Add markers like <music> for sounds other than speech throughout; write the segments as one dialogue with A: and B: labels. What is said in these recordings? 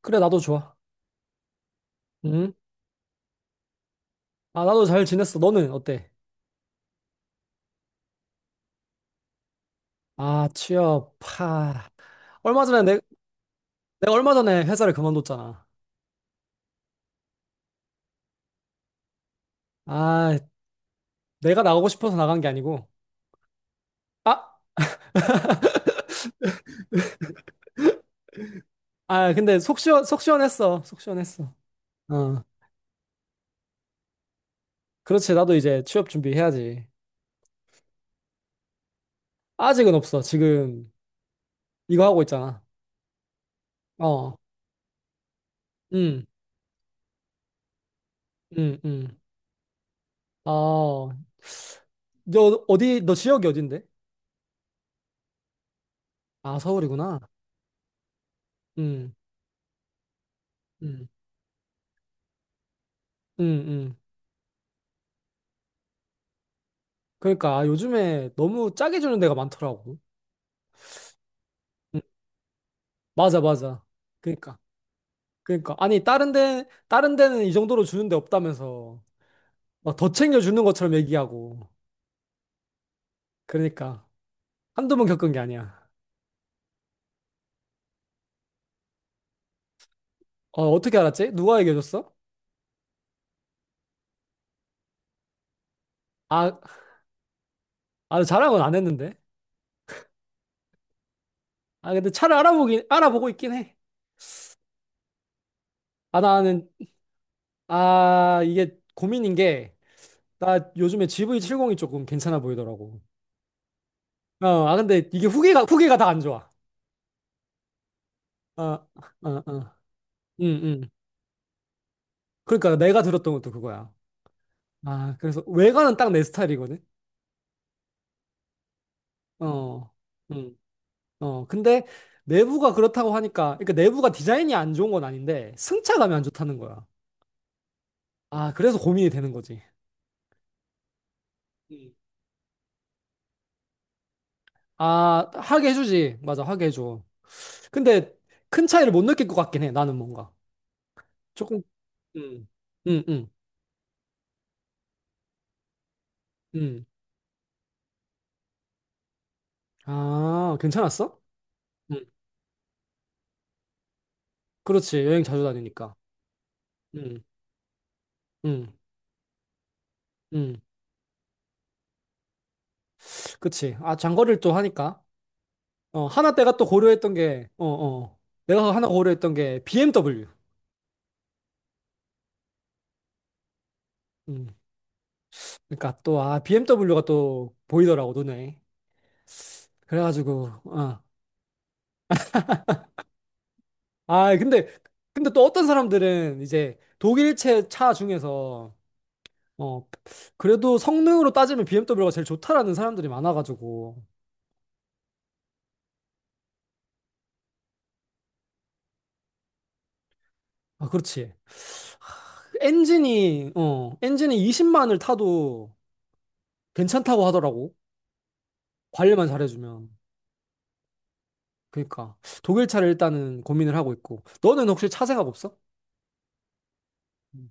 A: 그래, 나도 좋아. 응? 아, 나도 잘 지냈어. 너는 어때? 아, 취업, 파. 얼마 전에 내, 내가 얼마 전에 회사를 그만뒀잖아. 아, 내가 나가고 싶어서 나간 게 아니고. 아, 아, 근데 속 시원했어. 속 시원했어. 어, 그렇지. 나도 이제 취업 준비해야지. 아직은 없어. 지금 이거 하고 있잖아. 어, 응, 응, 응. 어, 너 지역이 어딘데? 아, 서울이구나. 응, 응, 응, 응. 그러니까 아, 요즘에 너무 짜게 주는 데가 많더라고. 음, 맞아, 맞아. 그러니까, 그러니까. 아니, 다른 데는 이 정도로 주는 데 없다면서. 막 더 챙겨주는 것처럼 얘기하고. 그러니까. 한두 번 겪은 게 아니야. 어, 어떻게 알았지? 누가 얘기해줬어? 아, 아, 자랑은 안 했는데. 아, 근데 알아보고 있긴 해. 아, 나는, 아, 이게 고민인 게, 나 요즘에 GV70이 조금 괜찮아 보이더라고. 어, 아, 근데 이게 후기가 다 안 좋아. 아, 아, 아. 응, 응. 그러니까 내가 들었던 것도 그거야. 아, 그래서 외관은 딱 내 스타일이거든. 어, 음, 어. 근데 내부가 그렇다고 하니까, 그러니까 내부가 디자인이 안 좋은 건 아닌데 승차감이 안 좋다는 거야. 아, 그래서 고민이 되는 거지. 음. 아, 하게 해주지. 맞아, 하게 해줘. 근데 큰 차이를 못 느낄 것 같긴 해. 나는 뭔가 조금, 음, 음, 음, 음. 아, 괜찮았어? 음, 그렇지. 여행 자주 다니니까. 음, 음, 음. 그치. 아, 장거리를 또 하니까. 어, 하나 내가 또 고려했던 게, 어, 어, 내가 하나 고려했던 게 BMW. 음, 그러니까 또, 아, BMW가 또 보이더라고, 눈에. 그래가지고, 어. 아, 근데, 근데 또 어떤 사람들은 이제 독일체 차 중에서, 어, 그래도 성능으로 따지면 BMW가 제일 좋다라는 사람들이 많아가지고. 아, 그렇지. 그 엔진이 20만을 타도 괜찮다고 하더라고. 관리만 잘해주면. 그러니까 독일 차를 일단은 고민을 하고 있고 너는 혹시 차 생각 없어? 음.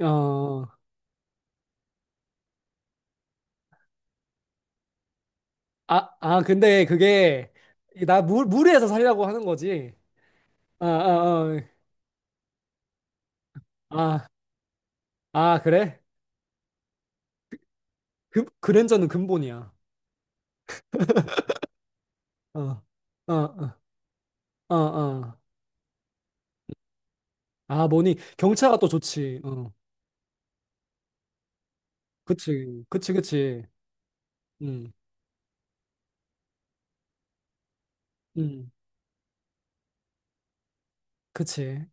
A: 어, 아, 아, 근데 그게 나 무리해서 살려고 하는 거지. 아, 아, 아, 아, 아, 그래? 그랜저는 근본이야. 어, 어, 어, 어, 어. 아, 뭐니? 경차가 또 좋지. 어, 그치, 그치, 그치. 음, 음, 그치.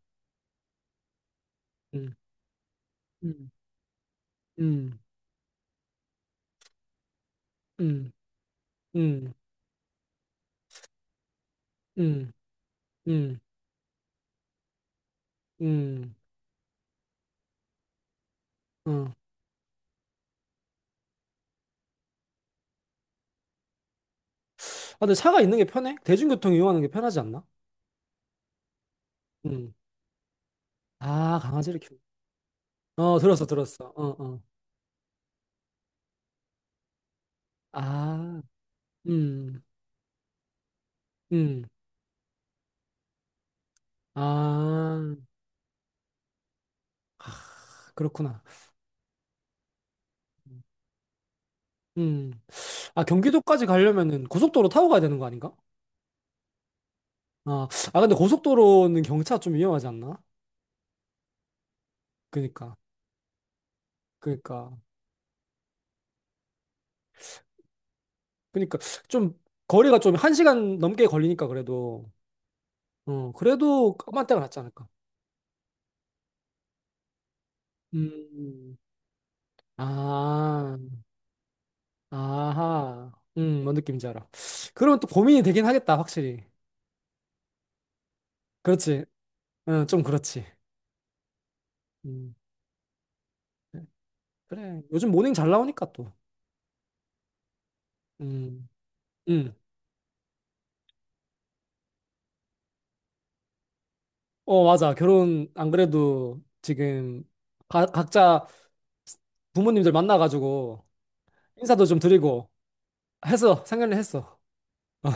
A: 음, 음, 음, 음, 음, 음, 음, 음, 음. 아, 근데 차가 있는 게 편해? 대중교통 이용하는 게 편하지 않나? 음. 아, 강아지를 키우. 어, 들었어, 들었어. 어, 어. 아, 음, 음. 아, 그렇구나. 음. 아, 경기도까지 가려면은 고속도로 타고 가야 되는 거 아닌가? 아, 아, 근데 고속도로는 경차 좀 위험하지 않나? 그니까, 그니까, 그니까. 좀, 거리가 좀 한 시간 넘게 걸리니까 그래도, 어, 그래도 까만 때가 낫지 않을까? 음, 아. 아하. 뭔 느낌인지 알아. 그러면 또 고민이 되긴 하겠다, 확실히. 그렇지. 응, 좀 그렇지. 음. 네. 그래. 요즘 모닝 잘 나오니까 또. 음. 음. 어, 맞아. 결혼 안 그래도 지금 각자 부모님들 만나가지고 인사도 좀 드리고 해서 상견례 했어. 어,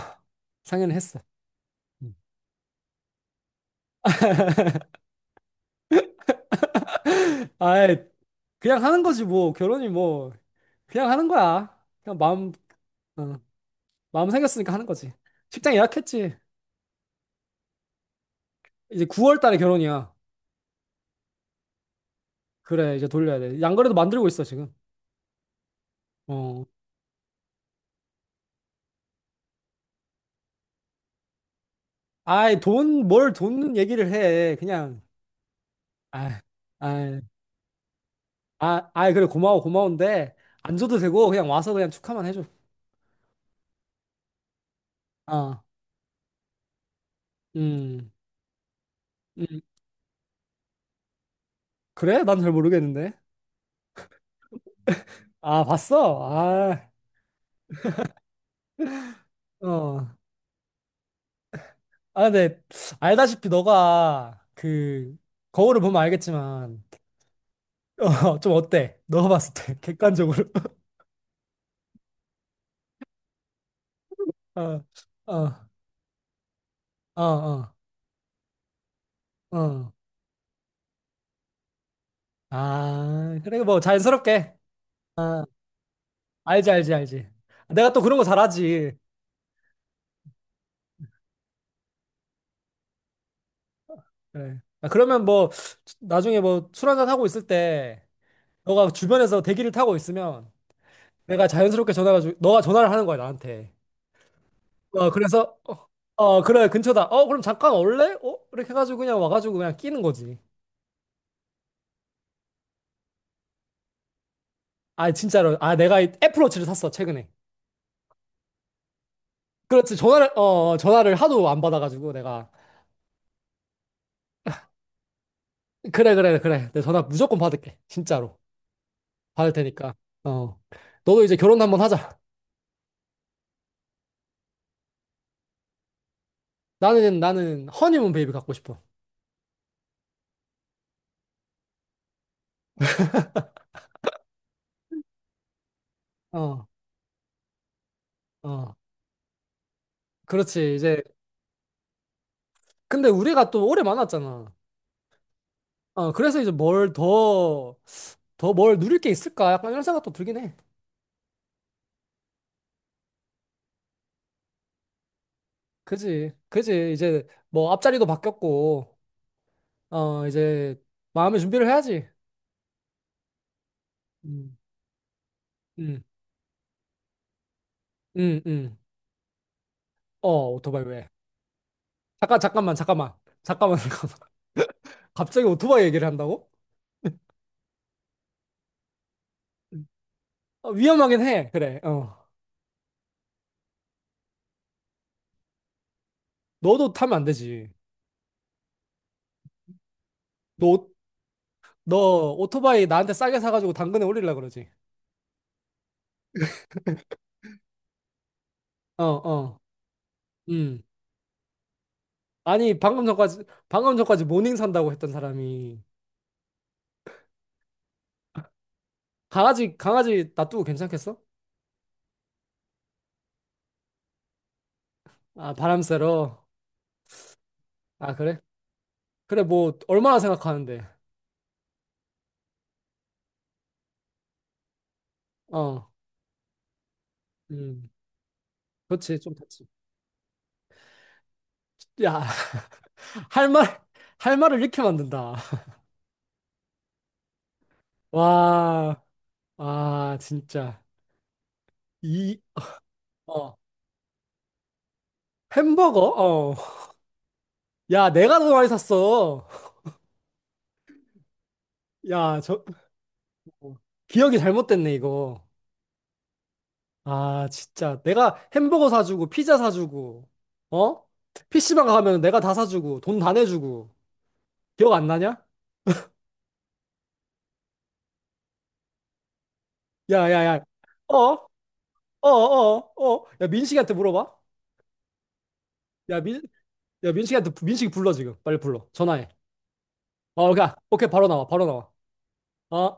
A: 상견례 했어. 음. 아이, 그냥 하는 거지 뭐. 결혼이 뭐 그냥 하는 거야. 그냥 어, 마음 생겼으니까 하는 거지. 식장 예약했지. 이제 9월 달에 결혼이야. 그래, 이제 돌려야 돼. 양거래도 만들고 있어, 지금. 어. 아이, 돈, 뭘 돈 얘기를 해. 그냥, 아, 아, 아, 아, 그래, 고마워, 고마운데, 안 줘도 되고, 그냥 와서 그냥 축하만 해줘. 아, 음, 음. 그래? 난 잘 모르겠는데. 아, 봤어? 아, 어. 아, 근데, 알다시피 너가, 그, 거울을 보면 알겠지만, <laughs> 어, 좀 어때? 너가 봤을 때, <laughs> 객관적으로. <laughs> 어, 어, 어, 어. 어. 아, 그래, 뭐, 자연스럽게. 아, 알지, 알지, 알지. 내가 또 그런 거 잘하지. 그래. 아, 그러면 뭐, 나중에 뭐, 술 한잔 하고 있을 때, 너가 주변에서 대기를 타고 있으면, 내가 자연스럽게 너가 전화를 하는 거야, 나한테. 어, 그래서, 어, 그래, 근처다. 어, 그럼 잠깐 올래? 어? 이렇게 해가지고 그냥 와가지고 그냥 끼는 거지. 아, 진짜로. 아, 내가 이 애플워치를 샀어, 최근에. 그렇지, 전화를 하도 안 받아가지고 내가. 그래, 그래, 그래. 내 전화 무조건 받을게, 진짜로. 받을 테니까. 어. 너도 이제 결혼 한번 하자. 나는, 나는 허니문 베이비 갖고 싶어. 어, 어. 그렇지. 이제, 근데 우리가 또 오래 만났잖아. 어, 그래서 이제 더 뭘 누릴 게 있을까? 약간 이런 생각도 들긴 해. 그지. 그지. 이제 뭐 앞자리도 바뀌었고, 어, 이제 마음의 준비를 해야지. 음, 음, 음, 음. 어, 오토바이 왜? 잠깐, 잠깐만, 잠깐만. 잠깐만, <laughs> 잠깐만. 갑자기 오토바이 얘기를 한다고? 어, 위험하긴 해. 그래. 어. 너도 타면 안 되지. 너, 오- 너 오토바이 나한테 싸게 사가지고 당근에 올리려고 그러지. 어, 어. 음. 아니, 방금 전까지 모닝 산다고 했던 사람이 강아지 놔두고 괜찮겠어? 아, 바람 쐬러. 아, 그래? 그래, 뭐, 얼마나 생각하는데. 어, 음. 그렇지, 좀 됐지. 야, <laughs> 할 말, 할 말을 이렇게 만든다. 와, 아, 진짜. 이, 어. 햄버거? 어. 야, 내가 더 많이 샀어. 야, 저, 어, 기억이 잘못됐네, 이거. 아, 진짜. 내가 햄버거 사주고, 피자 사주고, 어? PC방 가면 내가 다 사주고, 돈 다 내주고. 기억 안 나냐? 야, 야, 야. 어? 어, 어, 어. 야, 민식이한테 물어봐. 야, 민, 야, 민식이한테, 민식이 불러, 지금. 빨리 불러. 전화해. 어, 가. 오케이, 바로 나와, 바로 나와. 어?